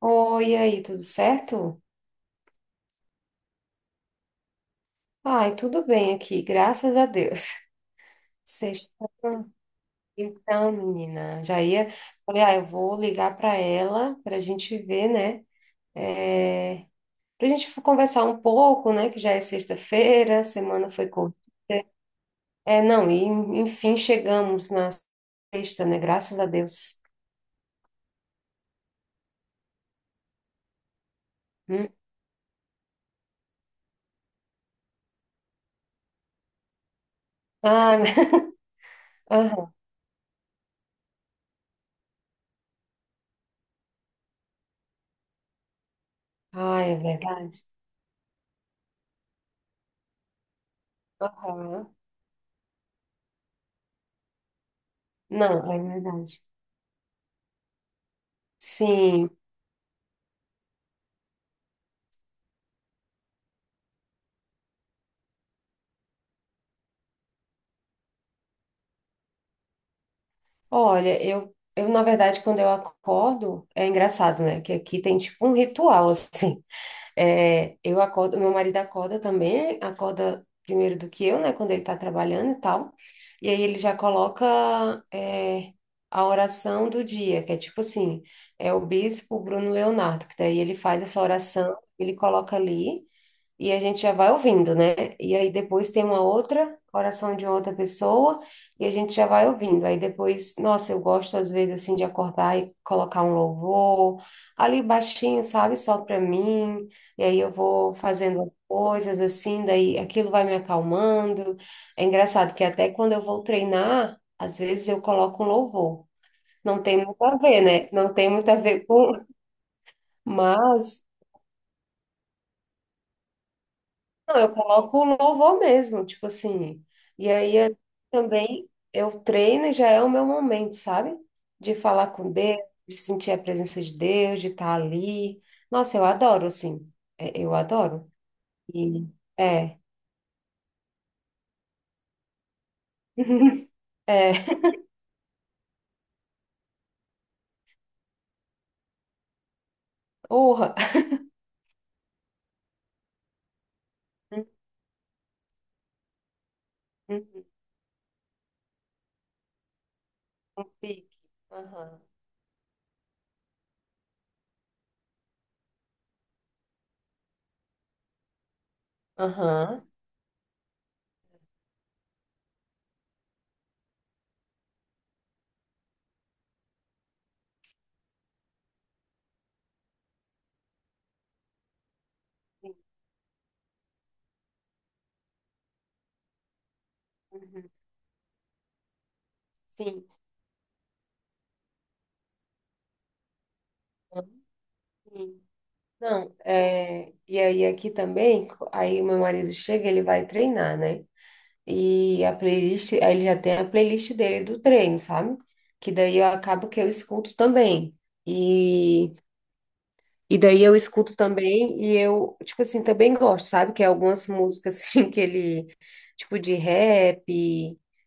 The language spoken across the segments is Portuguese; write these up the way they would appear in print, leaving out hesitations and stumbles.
Oi, e aí, tudo certo? Ai, tudo bem aqui, graças a Deus. Sexta. Então, menina, já ia. Falei, ah, eu vou ligar para ela para a gente ver, né? É, para a gente conversar um pouco, né? Que já é sexta-feira, a semana foi curta. É, não, e enfim, chegamos na sexta, né? Graças a Deus. Hum? Ah, né? Aham. Ah, é verdade. Aham. Não, é verdade. Sim, olha, eu na verdade, quando eu acordo, é engraçado, né? Que aqui tem tipo um ritual, assim. É, eu acordo, meu marido acorda também, acorda primeiro do que eu, né? Quando ele tá trabalhando e tal. E aí ele já coloca, é, a oração do dia, que é tipo assim, é o bispo Bruno Leonardo, que daí ele faz essa oração, ele coloca ali e a gente já vai ouvindo, né? E aí depois tem uma outra oração de outra pessoa e a gente já vai ouvindo. Aí depois, nossa, eu gosto às vezes assim de acordar e colocar um louvor ali baixinho, sabe? Só para mim. E aí eu vou fazendo as coisas assim, daí aquilo vai me acalmando. É engraçado que até quando eu vou treinar, às vezes eu coloco um louvor. Não tem muito a ver, né? Não tem muito a ver com, mas não, eu coloco o louvor mesmo, tipo assim. E aí eu também eu treino e já é o meu momento, sabe? De falar com Deus, de sentir a presença de Deus, de estar ali. Nossa, eu adoro, assim. É, eu adoro. E é, é, urra. Uhum, um pique. Aham. Aham. Uhum. Sim. Uhum. Sim. Não, é, e aí aqui também, aí o meu marido chega, ele vai treinar, né? E a playlist, aí ele já tem a playlist dele do treino, sabe? Que daí eu acabo que eu escuto também. E, e daí eu escuto também e eu, tipo assim, também gosto, sabe? Que é algumas músicas assim que ele, tipo de rap,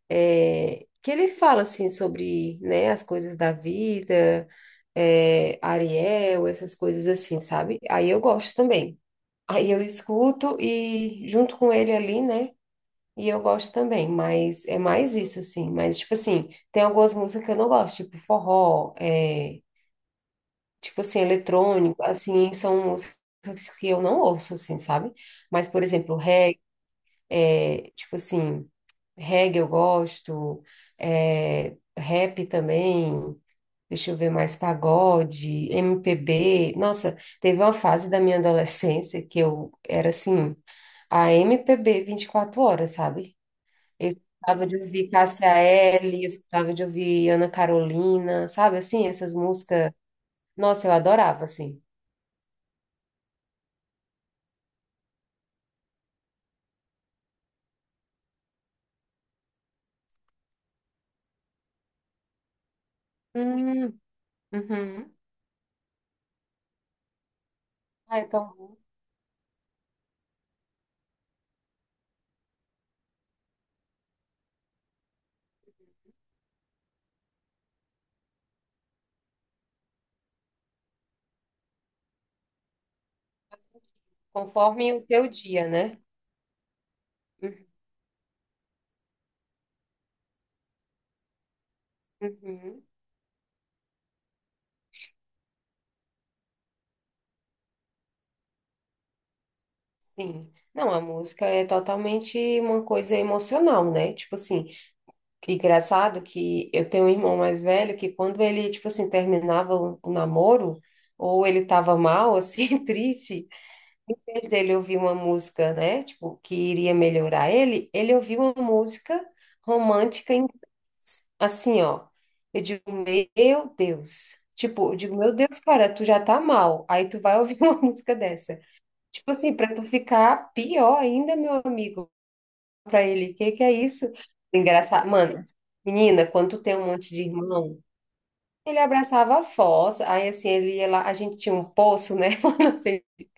é, que ele fala assim sobre, né, as coisas da vida, é, Ariel, essas coisas assim, sabe? Aí eu gosto também. Aí eu escuto e junto com ele ali, né? E eu gosto também, mas é mais isso, assim. Mas, tipo assim, tem algumas músicas que eu não gosto, tipo forró, é, tipo assim, eletrônico, assim, são músicas que eu não ouço, assim, sabe? Mas, por exemplo, reggae, é, tipo assim, reggae eu gosto, é, rap também, deixa eu ver mais, pagode, MPB. Nossa, teve uma fase da minha adolescência que eu era assim, a MPB 24 horas, sabe? Eu escutava de ouvir Cássia Eller, eu escutava de ouvir Ana Carolina, sabe assim, essas músicas. Nossa, eu adorava, assim. Hum, uhum. Ah, então, conforme o teu dia, né? Uhum, uhum, sim. Não, a música é totalmente uma coisa emocional, né? Tipo assim, que engraçado que eu tenho um irmão mais velho que quando ele, tipo assim, terminava o namoro, ou ele tava mal, assim, triste. Em vez dele ouvir uma música, né, tipo, que iria melhorar ele, ele ouviu uma música romântica em assim, ó. Eu digo, meu Deus. Tipo, eu digo, meu Deus, cara, tu já tá mal. Aí tu vai ouvir uma música dessa. Tipo assim, pra tu ficar pior ainda, meu amigo. Pra ele, que é isso? Engraçado. Mano, menina, quando tu tem um monte de irmão, ele abraçava a fossa. Aí assim, ele ia lá, a gente tinha um poço, né?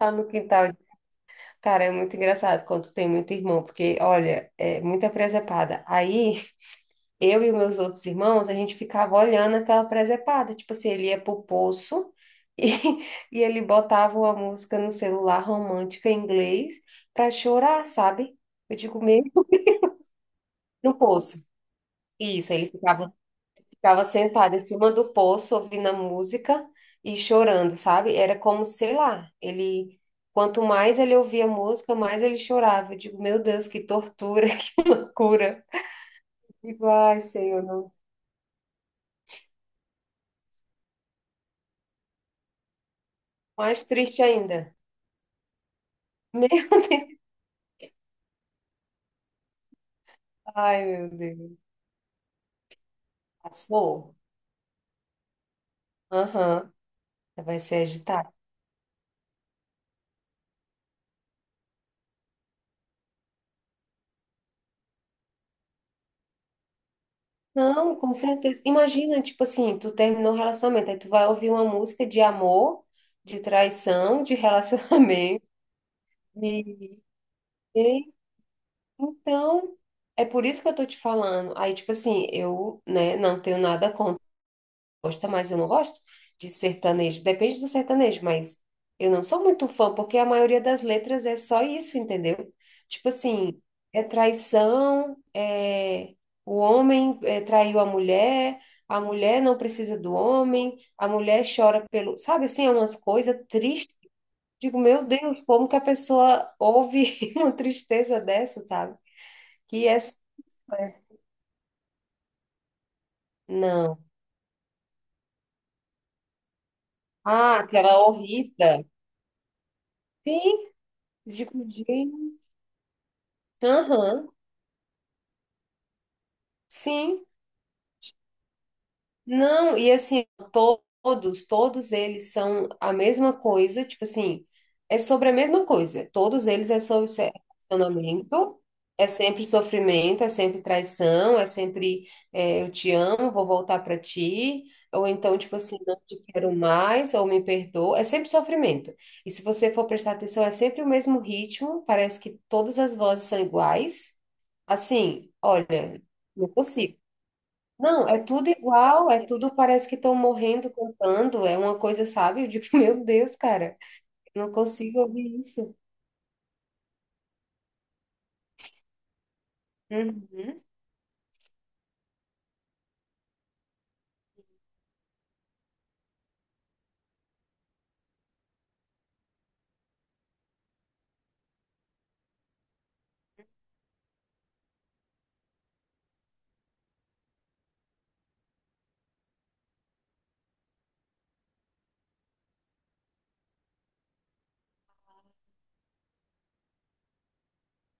Lá no quintal. Cara, é muito engraçado quando tu tem muito irmão, porque, olha, é muita presepada. Aí, eu e os meus outros irmãos, a gente ficava olhando aquela presepada. Tipo assim, ele ia pro poço e, e ele botava uma música no celular romântica em inglês pra chorar, sabe? Eu digo, mesmo no poço. Isso, ele Ficava sentada em cima do poço, ouvindo a música e chorando, sabe? Era como, sei lá, ele. Quanto mais ele ouvia a música, mais ele chorava. Eu digo, meu Deus, que tortura, que loucura. E vai, Senhor, não. Mais triste ainda. Meu Deus. Ai, meu Deus. Passou? Aham. Vai ser agitado. Não, com certeza. Imagina, tipo assim, tu terminou o relacionamento, aí tu vai ouvir uma música de amor, de traição, de relacionamento. Meu Então, é por isso que eu tô te falando. Aí, tipo assim, eu, né, não tenho nada contra, gosta, mas eu não gosto de sertanejo. Depende do sertanejo, mas eu não sou muito fã, porque a maioria das letras é só isso, entendeu? Tipo assim, é traição, é o homem é, traiu a mulher não precisa do homem, a mulher chora pelo, sabe assim, é umas coisas tristes. Digo, meu Deus, como que a pessoa ouve uma tristeza dessa, sabe? Que é. Não. Ah, aquela horrida. Sim, de pudim. Aham, sim. Não, e assim, todos eles são a mesma coisa, tipo assim, é sobre a mesma coisa. Todos eles é sobre é relacionamento, é sempre sofrimento, é sempre traição, é sempre é, eu te amo, vou voltar pra ti, ou então, tipo assim, não te quero mais, ou me perdoa, é sempre sofrimento. E se você for prestar atenção, é sempre o mesmo ritmo, parece que todas as vozes são iguais. Assim, olha, não consigo. Não, é tudo igual, é tudo parece que estão morrendo cantando, é uma coisa, sabe? Eu digo, meu Deus, cara, eu não consigo ouvir isso. Uhum,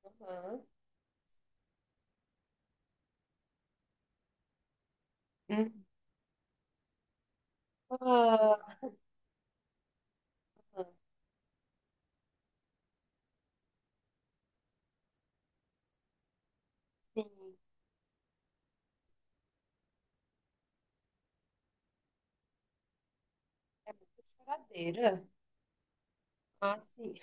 uhum, uhum. Ah, sim, é muito choradeira. Ah, sim.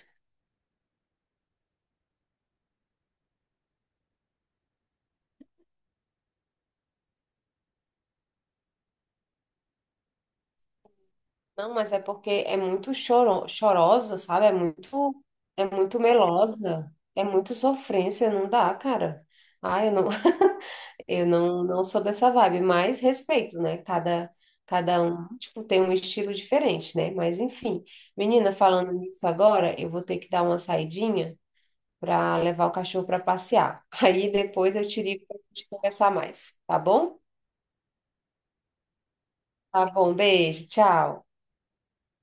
Não, mas é porque é muito choro, chorosa, sabe? É muito melosa, é muito sofrência, não dá, cara. Ai, eu não, não sou dessa vibe, mas respeito, né? Cada um, tipo, tem um estilo diferente, né? Mas enfim, menina, falando nisso agora, eu vou ter que dar uma saidinha para levar o cachorro para passear. Aí depois eu te ligo para gente conversar mais, tá bom? Tá bom, beijo, tchau.